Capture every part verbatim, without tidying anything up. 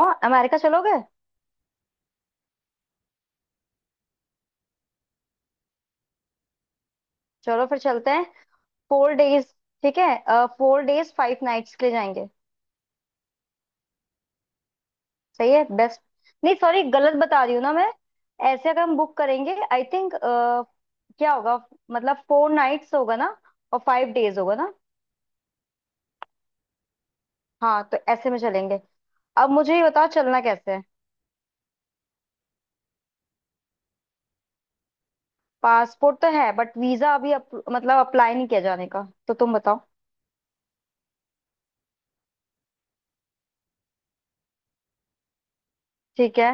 और अमेरिका चलोगे? चलो फिर चलते हैं। Four days. ठीक है। फोर डेज फाइव नाइट्स के लिए जाएंगे। सही है, बेस्ट। नहीं सॉरी, गलत बता रही हूँ ना मैं। ऐसे अगर हम बुक करेंगे आई थिंक क्या होगा, मतलब फोर नाइट्स होगा ना और फाइव डेज होगा ना। हाँ, तो ऐसे में चलेंगे। अब मुझे ये बताओ चलना कैसे है। पासपोर्ट तो है बट वीजा अभी अप, मतलब अप्लाई नहीं किया जाने का। तो तुम बताओ। ठीक है।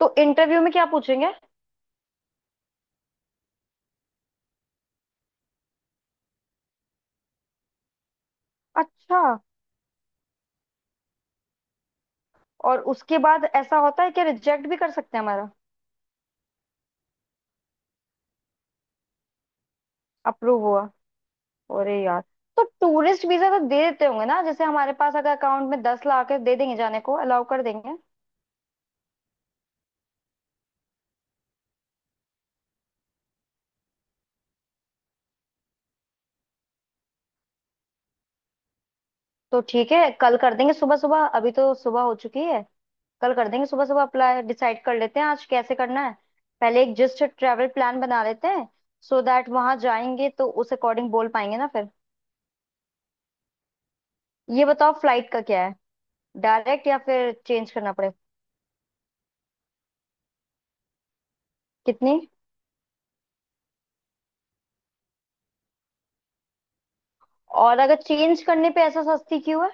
तो इंटरव्यू में क्या पूछेंगे? अच्छा। और उसके बाद ऐसा होता है कि रिजेक्ट भी कर सकते हैं हमारा? अप्रूव हुआ। अरे यार। तो टूरिस्ट वीजा तो दे देते होंगे ना, जैसे हमारे पास अगर अकाउंट में दस लाख है दे देंगे जाने को अलाउ कर देंगे। तो ठीक है, कल कर देंगे सुबह सुबह, अभी तो सुबह हो चुकी है। कल कर देंगे सुबह सुबह अप्लाई। डिसाइड कर लेते हैं आज कैसे करना है। पहले एक जस्ट ट्रैवल प्लान बना लेते हैं। सो दैट वहां जाएंगे तो उस अकॉर्डिंग बोल पाएंगे ना फिर। ये बताओ फ्लाइट का क्या है, डायरेक्ट या फिर चेंज करना पड़े? कितनी? और अगर चेंज करने पे ऐसा सस्ती क्यों है?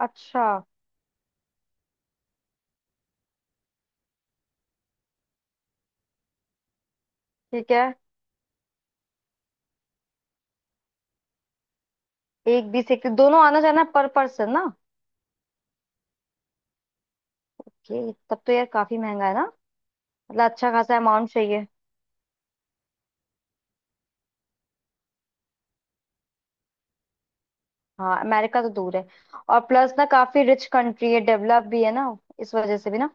अच्छा। ठीक है। एक बीस एक, दोनों आना जाना पर पर्सन ना? कि तब तो यार काफी महंगा है ना। मतलब अच्छा खासा अमाउंट चाहिए। हाँ, अमेरिका तो दूर है। और प्लस ना काफी रिच कंट्री है, डेवलप भी है ना, इस वजह से भी ना।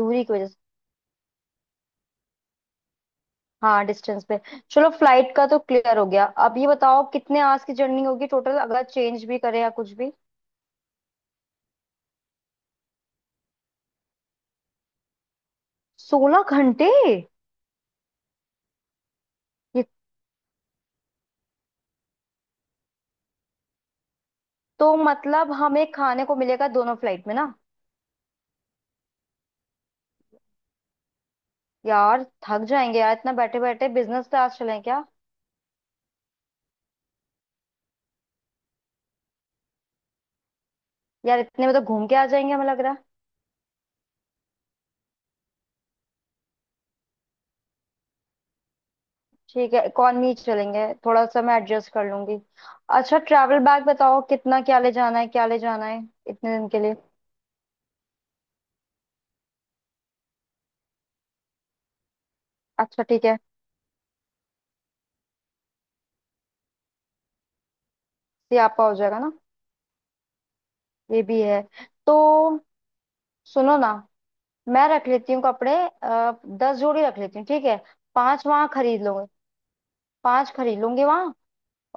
दूरी की वजह से। हाँ, डिस्टेंस पे। चलो फ्लाइट का तो क्लियर हो गया। अब ये बताओ कितने आवर्स की जर्नी होगी टोटल, अगर चेंज भी करे या कुछ भी। सोलह घंटे? ये तो। मतलब हमें खाने को मिलेगा दोनों फ्लाइट में ना? यार थक जाएंगे यार, इतना बैठे बैठे, बिजनेस क्लास चलें क्या? यार इतने में तो घूम के आ जाएंगे हमें लग रहा है। ठीक है, इकॉनमी चलेंगे, थोड़ा सा मैं एडजस्ट कर लूंगी। अच्छा ट्रैवल बैग बताओ, कितना, क्या ले जाना है क्या ले जाना है इतने दिन के लिए। अच्छा ठीक है। ये आपका हो जाएगा ना। ये भी है। तो सुनो ना, मैं रख लेती हूँ कपड़े। आ, दस जोड़ी रख लेती हूँ, ठीक है? पांच वहां खरीद लूंगी। पांच खरीद लूंगी वहां।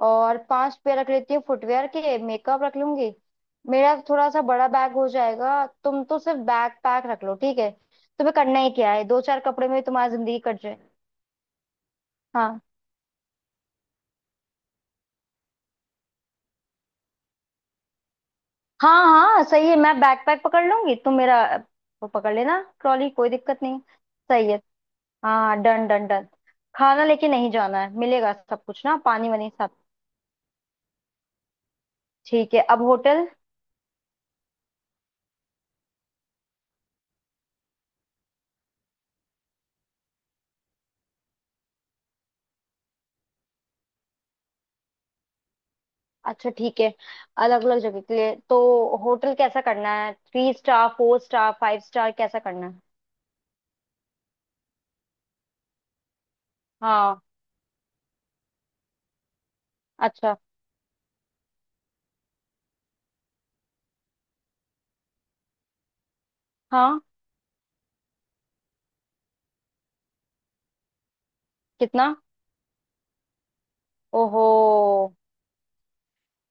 और पांच पेयर रख लेती हूँ फुटवेयर के, मेकअप रख लूंगी। मेरा थोड़ा सा बड़ा बैग हो जाएगा, तुम तो सिर्फ बैग पैक रख लो, ठीक है? तुम्हें करना ही क्या है, दो चार कपड़े में तुम्हारी जिंदगी कट जाए। हाँ हाँ हाँ, सही है, मैं बैकपैक पकड़ लूंगी, तुम मेरा वो पकड़ लेना ट्रॉली, कोई दिक्कत नहीं। सही है। हाँ, डन डन डन। खाना लेके नहीं जाना है, मिलेगा सब कुछ ना, पानी वानी सब। ठीक है, अब होटल। अच्छा ठीक है। अलग अलग जगह के लिए तो होटल कैसा करना है, three star four star five star कैसा करना है? हाँ। अच्छा। हाँ। कितना? ओहो।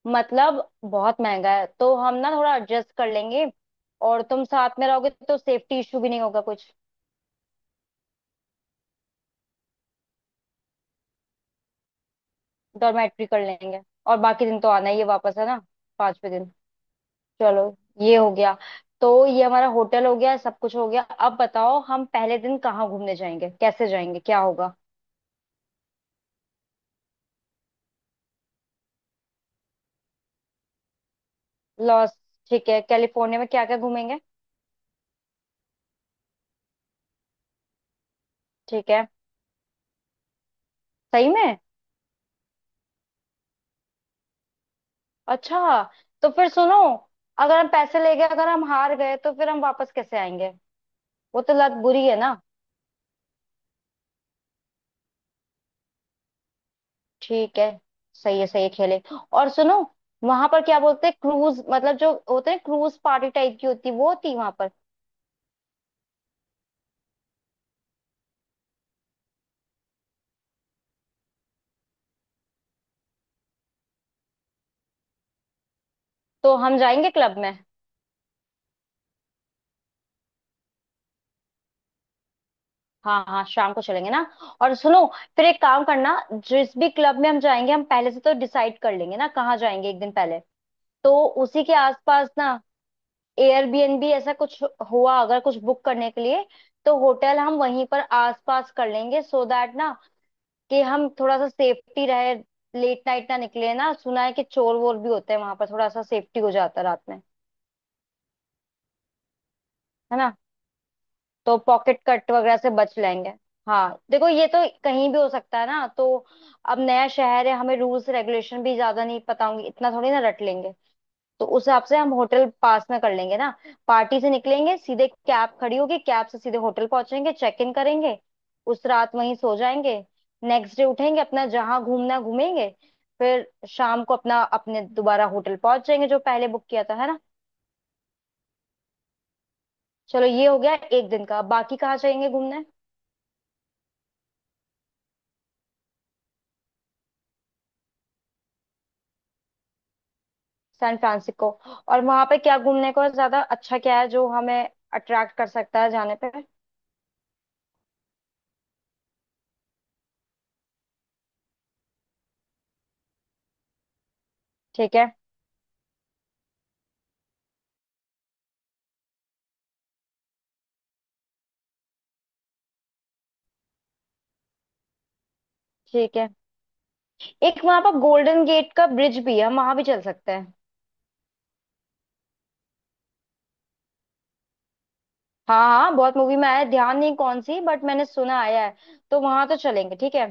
मतलब बहुत महंगा है, तो हम ना थोड़ा एडजस्ट कर लेंगे। और तुम साथ में रहोगे तो सेफ्टी इशू भी नहीं होगा कुछ। डॉर्मेट्री कर लेंगे, और बाकी दिन तो आना ही है वापस, है ना? पांचवे दिन। चलो ये हो गया। तो ये हमारा होटल हो गया, सब कुछ हो गया। अब बताओ हम पहले दिन कहाँ घूमने जाएंगे, कैसे जाएंगे, क्या होगा? लॉस। ठीक है, कैलिफोर्निया में क्या क्या घूमेंगे? ठीक है। सही में? अच्छा। तो फिर सुनो, अगर हम पैसे ले गए, अगर हम हार गए, तो फिर हम वापस कैसे आएंगे? वो तो लत बुरी है ना। ठीक है। सही है, सही है, खेले। और सुनो, वहां पर क्या बोलते हैं क्रूज, मतलब जो होते हैं क्रूज पार्टी टाइप की होती है, वो होती है वहां पर? तो हम जाएंगे क्लब में? हाँ हाँ, शाम को चलेंगे ना। और सुनो, फिर एक काम करना। जिस भी क्लब में हम जाएंगे, हम पहले से तो डिसाइड कर लेंगे ना कहाँ जाएंगे, एक दिन पहले। तो उसी के आसपास ना एयरबीएनबी ऐसा कुछ हुआ अगर कुछ बुक करने के लिए, तो होटल हम वहीं पर आसपास कर लेंगे सो दैट ना, कि हम थोड़ा सा सेफ्टी रहे। लेट नाइट ना निकले ना, सुना है कि चोर वोर भी होते हैं वहां पर, थोड़ा सा सेफ्टी हो जाता है रात में, है ना? तो पॉकेट कट वगैरह से बच लेंगे। हाँ देखो, ये तो कहीं भी हो सकता है ना, तो अब नया शहर है, हमें रूल्स रेगुलेशन भी ज्यादा नहीं पता होंगे, इतना थोड़ी ना रट लेंगे। तो उस हिसाब से हम होटल पास में कर लेंगे ना। पार्टी से निकलेंगे सीधे, कैब खड़ी होगी, कैब से सीधे होटल पहुंचेंगे, चेक इन करेंगे। उस रात वहीं सो जाएंगे। नेक्स्ट डे उठेंगे, अपना जहां घूमना है घूमेंगे। फिर शाम को अपना अपने दोबारा होटल पहुंच जाएंगे जो पहले बुक किया था, है ना? चलो ये हो गया एक दिन का, बाकी कहाँ जाएंगे घूमने? San Francisco. और वहां पे क्या घूमने को है ज्यादा, अच्छा क्या है जो हमें अट्रैक्ट कर सकता है जाने पे? ठीक है। ठीक है। एक वहां पर गोल्डन गेट का ब्रिज भी है, हम वहां भी चल सकते हैं। हाँ हाँ, बहुत मूवी में आया है, ध्यान नहीं कौन सी, बट मैंने सुना आया है। तो वहां तो चलेंगे, ठीक है।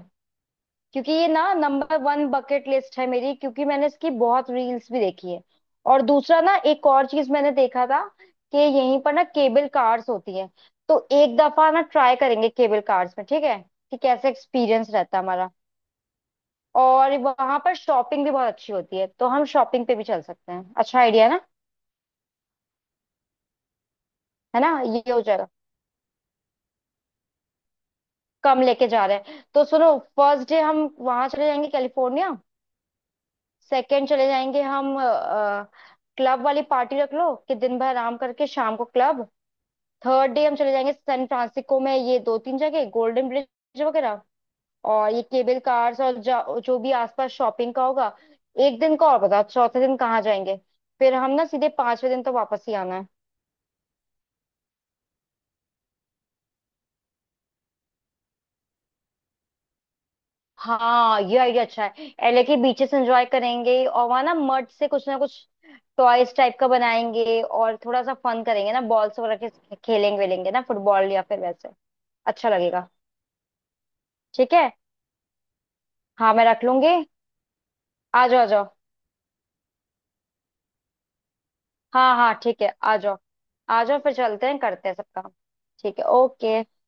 क्योंकि ये ना नंबर वन बकेट लिस्ट है मेरी, क्योंकि मैंने इसकी बहुत रील्स भी देखी है। और दूसरा ना, एक और चीज मैंने देखा था कि यहीं पर ना केबल कार्स होती है। तो एक दफा ना ट्राई करेंगे केबल कार्स में, ठीक है, कि कैसे एक्सपीरियंस रहता है हमारा। और वहां पर शॉपिंग भी बहुत अच्छी होती है, तो हम शॉपिंग पे भी चल सकते हैं, अच्छा आइडिया ना। है ना? ये हो जाएगा। कम लेके जा रहे हैं, तो सुनो, फर्स्ट डे हम वहां चले जाएंगे कैलिफोर्निया। सेकंड चले जाएंगे हम, क्लब वाली पार्टी रख लो, कि दिन भर आराम करके शाम को क्लब। थर्ड डे हम चले जाएंगे सैन फ्रांसिस्को में, ये दो तीन जगह गोल्डन ब्रिज वगैरह, और ये केबल कार्स, और जा- जो भी आसपास शॉपिंग का होगा। एक दिन का और बताओ, चौथे दिन कहाँ जाएंगे? फिर हम ना सीधे पांचवे दिन तो वापस ही आना है। हाँ ये आइडिया अच्छा है, एलए के बीचेस एंजॉय करेंगे, और वहां ना मड से कुछ ना कुछ टॉयज टाइप का बनाएंगे और थोड़ा सा फन करेंगे ना, बॉल्स वगैरह के खेलेंगे वेलेंगे ना, फुटबॉल या फिर वैसे। अच्छा लगेगा। ठीक है। हाँ मैं रख लूंगी। आ जाओ आ जाओ। हाँ हाँ ठीक है, आ जाओ। आ जाओ फिर चलते हैं, करते हैं सब काम। ठीक है, ओके।